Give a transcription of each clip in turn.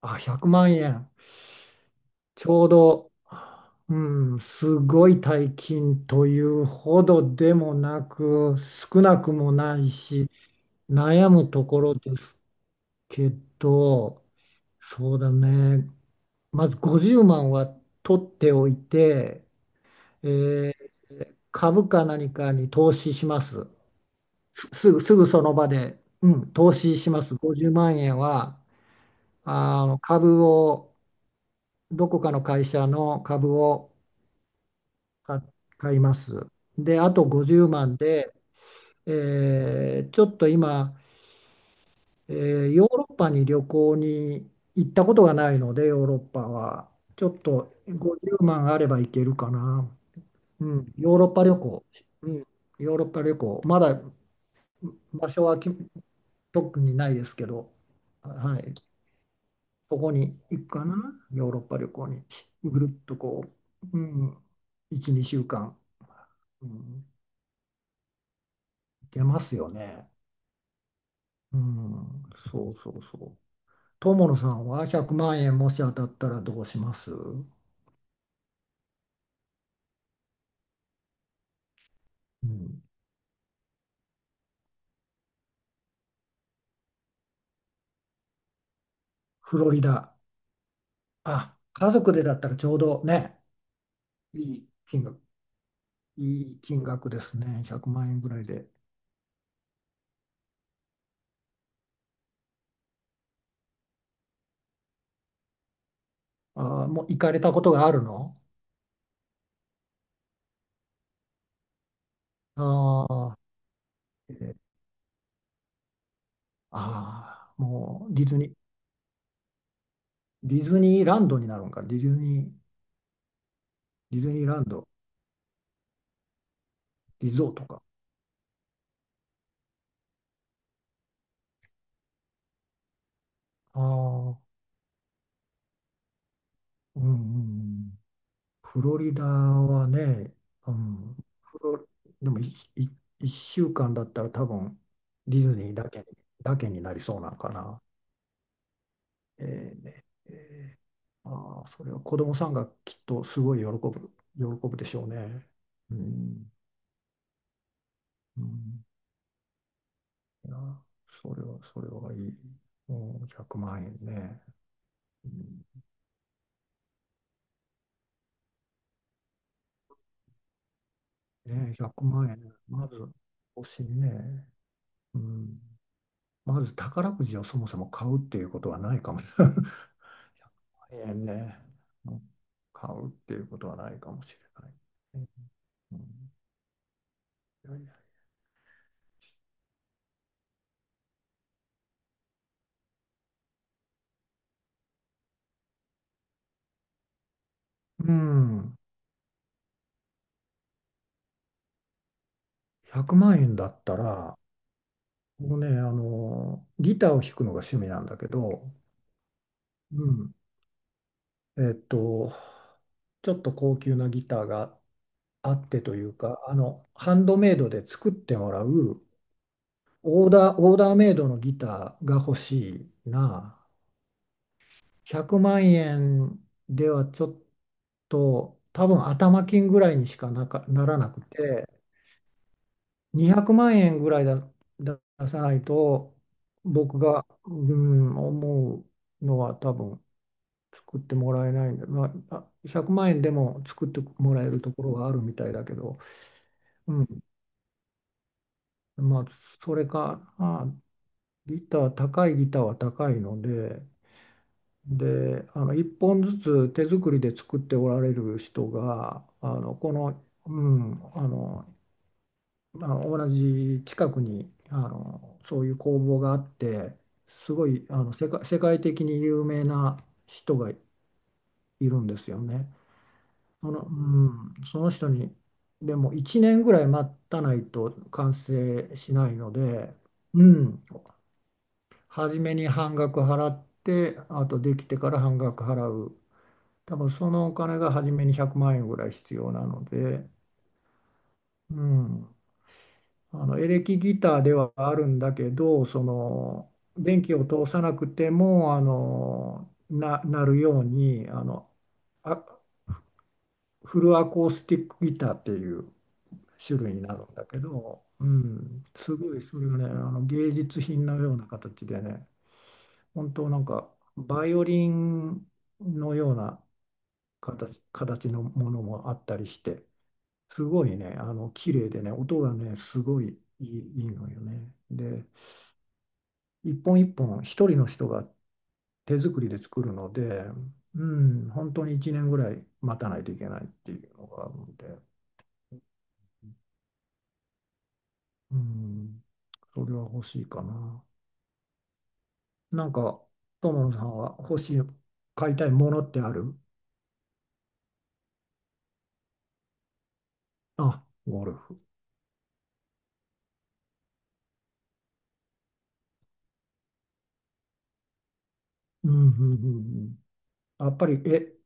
あ、100万円。ちょうど、うん、すごい大金というほどでもなく、少なくもないし、悩むところですけど、そうだね。まず50万は取っておいて、えー株か何かに投資します。すぐその場で、うん、投資します。50万円は、あの株を、どこかの会社の株をか買います。で、あと50万で、ちょっと今、えーヨーロッパに旅行に行ったことがないので、ヨーロッパは。ちょっと50万あれば行けるかな。うん、ヨーロッパ旅行。うん、ヨーロッパ旅行。まだ場所は特にないですけど、はい、そこに行くかな。ヨーロッパ旅行に。ぐるっとこう、うん、1、2週間、うん、行けますよね。うん、そうそうそう。友野さんは100万円もし当たったらどうします？うん、フロリダ。あ、家族でだったらちょうどね、いい金額、いい金額ですね。100万円ぐらいで。あー、もう行かれたことがあるの？ああ、えーああ、もうディズニー、ディズニーランドになるんか。ディズニー、ディズニーランド、リゾートか。ああ、うんうんうん。フロリダはね、うん、フロでも1週間だったら多分ディズニーだけになりそうなのかな。ねえー、まあー、それは子供さんがきっとすごい喜ぶでしょうね。うん、うん、いや、それはいい。もう100万円ね。うん、ね、100万円、まず欲しいね。うん、まず宝くじをそもそも買うっていうことはないかもしれない。ええね。うん、買うっていうことはないかもしれない。うん、いやいや、うん、100万円だったら、僕ね、あの、ギターを弾くのが趣味なんだけど、うん、えっと、ちょっと高級なギターがあってというか、あの、ハンドメイドで作ってもらう、オーダーメイドのギターが欲しいな。100万円ではちょっと多分頭金ぐらいにしかならなくて、200万円ぐらいだ出さないと僕が、うん、思うのは多分作ってもらえないんで、まあ、あ、100万円でも作ってもらえるところがあるみたいだけど、うん、まあ、それか、あ、ギター高いギターは高いので。で、あの、1本ずつ手作りで作っておられる人があの、この、うん、あの同じ近くにあのそういう工房があってすごいあの世界的に有名な人がいるんですよね。その、うん、その人にでも1年ぐらい待たないと完成しないので、うん、初めに半額払って、あとできてから半額払う。多分そのお金が初めに100万円ぐらい必要なので、うん、あの、エレキギターではあるんだけど、その電気を通さなくてもなるようにあの、あフルアコースティックギターっていう種類になるんだけど、うん、すごいそれがね、あの、芸術品のような形でね、本当なんかバイオリンのような形のものもあったりして。すごいね、あの、綺麗でね、音がね、すごいいい、いいのよね。で、一本一本、一人の人が手作りで作るので、うん、本当に1年ぐらい待たないといけないっていうのがあるので、うん、それは欲しいかな。なんか、友野さんは欲しい、買いたいものってある？あ、ゴルフ。うん、うん、うん。うん、やっぱり、え、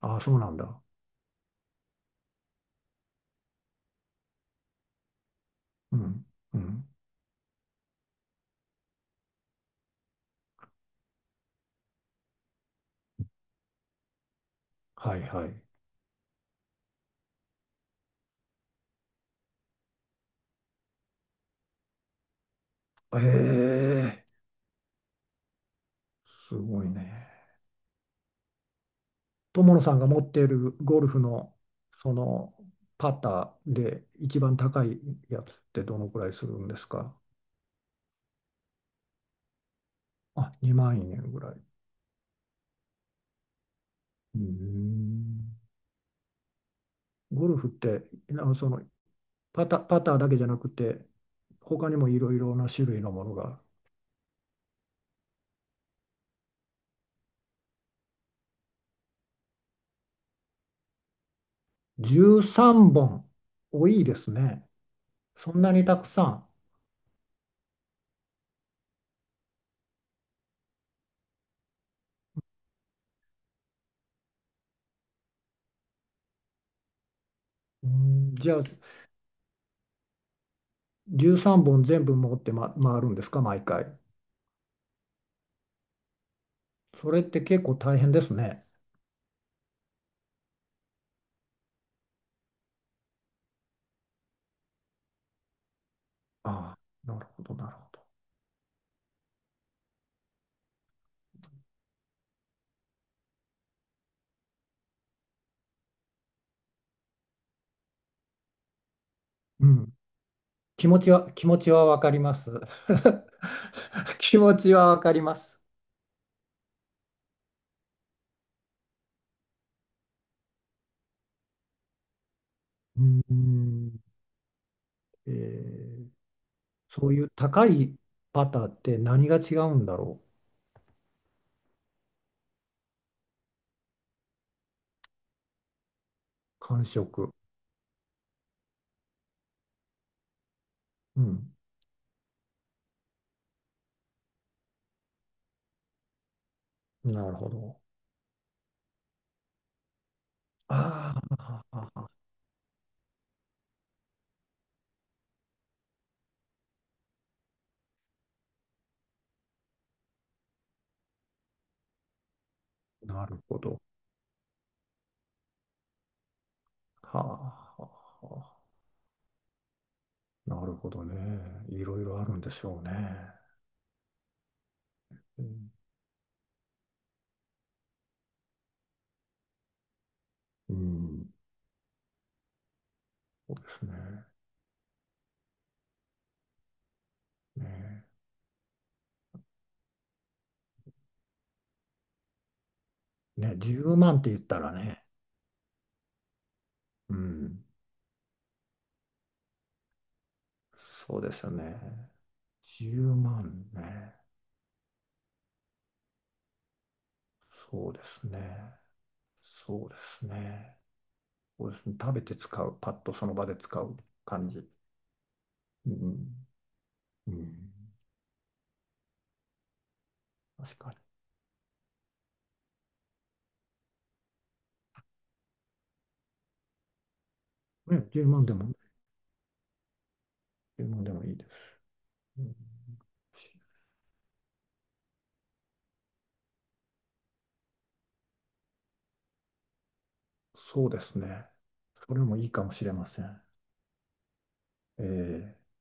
あ、そうなんだ。うん、うん。はい、はい。ええ、すごいね。友野さんが持っているゴルフのそのパターで一番高いやつってどのくらいするんですか？あ、2万円ぐらい。うーん、ゴルフってそのパターだけじゃなくて他にもいろいろな種類のものが。13本、多いですね。そんなにたくさん。うーん、じゃあ13本全部持って、ま、回るんですか毎回。それって結構大変ですね。ああ、なるほど、なるほど。うん、気持ちはわかります。気持ちはわかります。うーん、えーそういう高いパターって何が違うんだろう。感触。うん、なるほど。ああ、なるほど。はあ、はあ、はあ、なるほどね。いろいろあるんでしょうね。うん、うん、そうですね。ね、ね、10万って言ったらね。うん、そうですね。10万ね。そうですね。そうですね。そうですね。食べて使う。パッとその場で使う感じ。うん。うん。確かに。ね、10万でもね、1万でもいいです。うん、そうですね。それもいいかもしれません。ええ。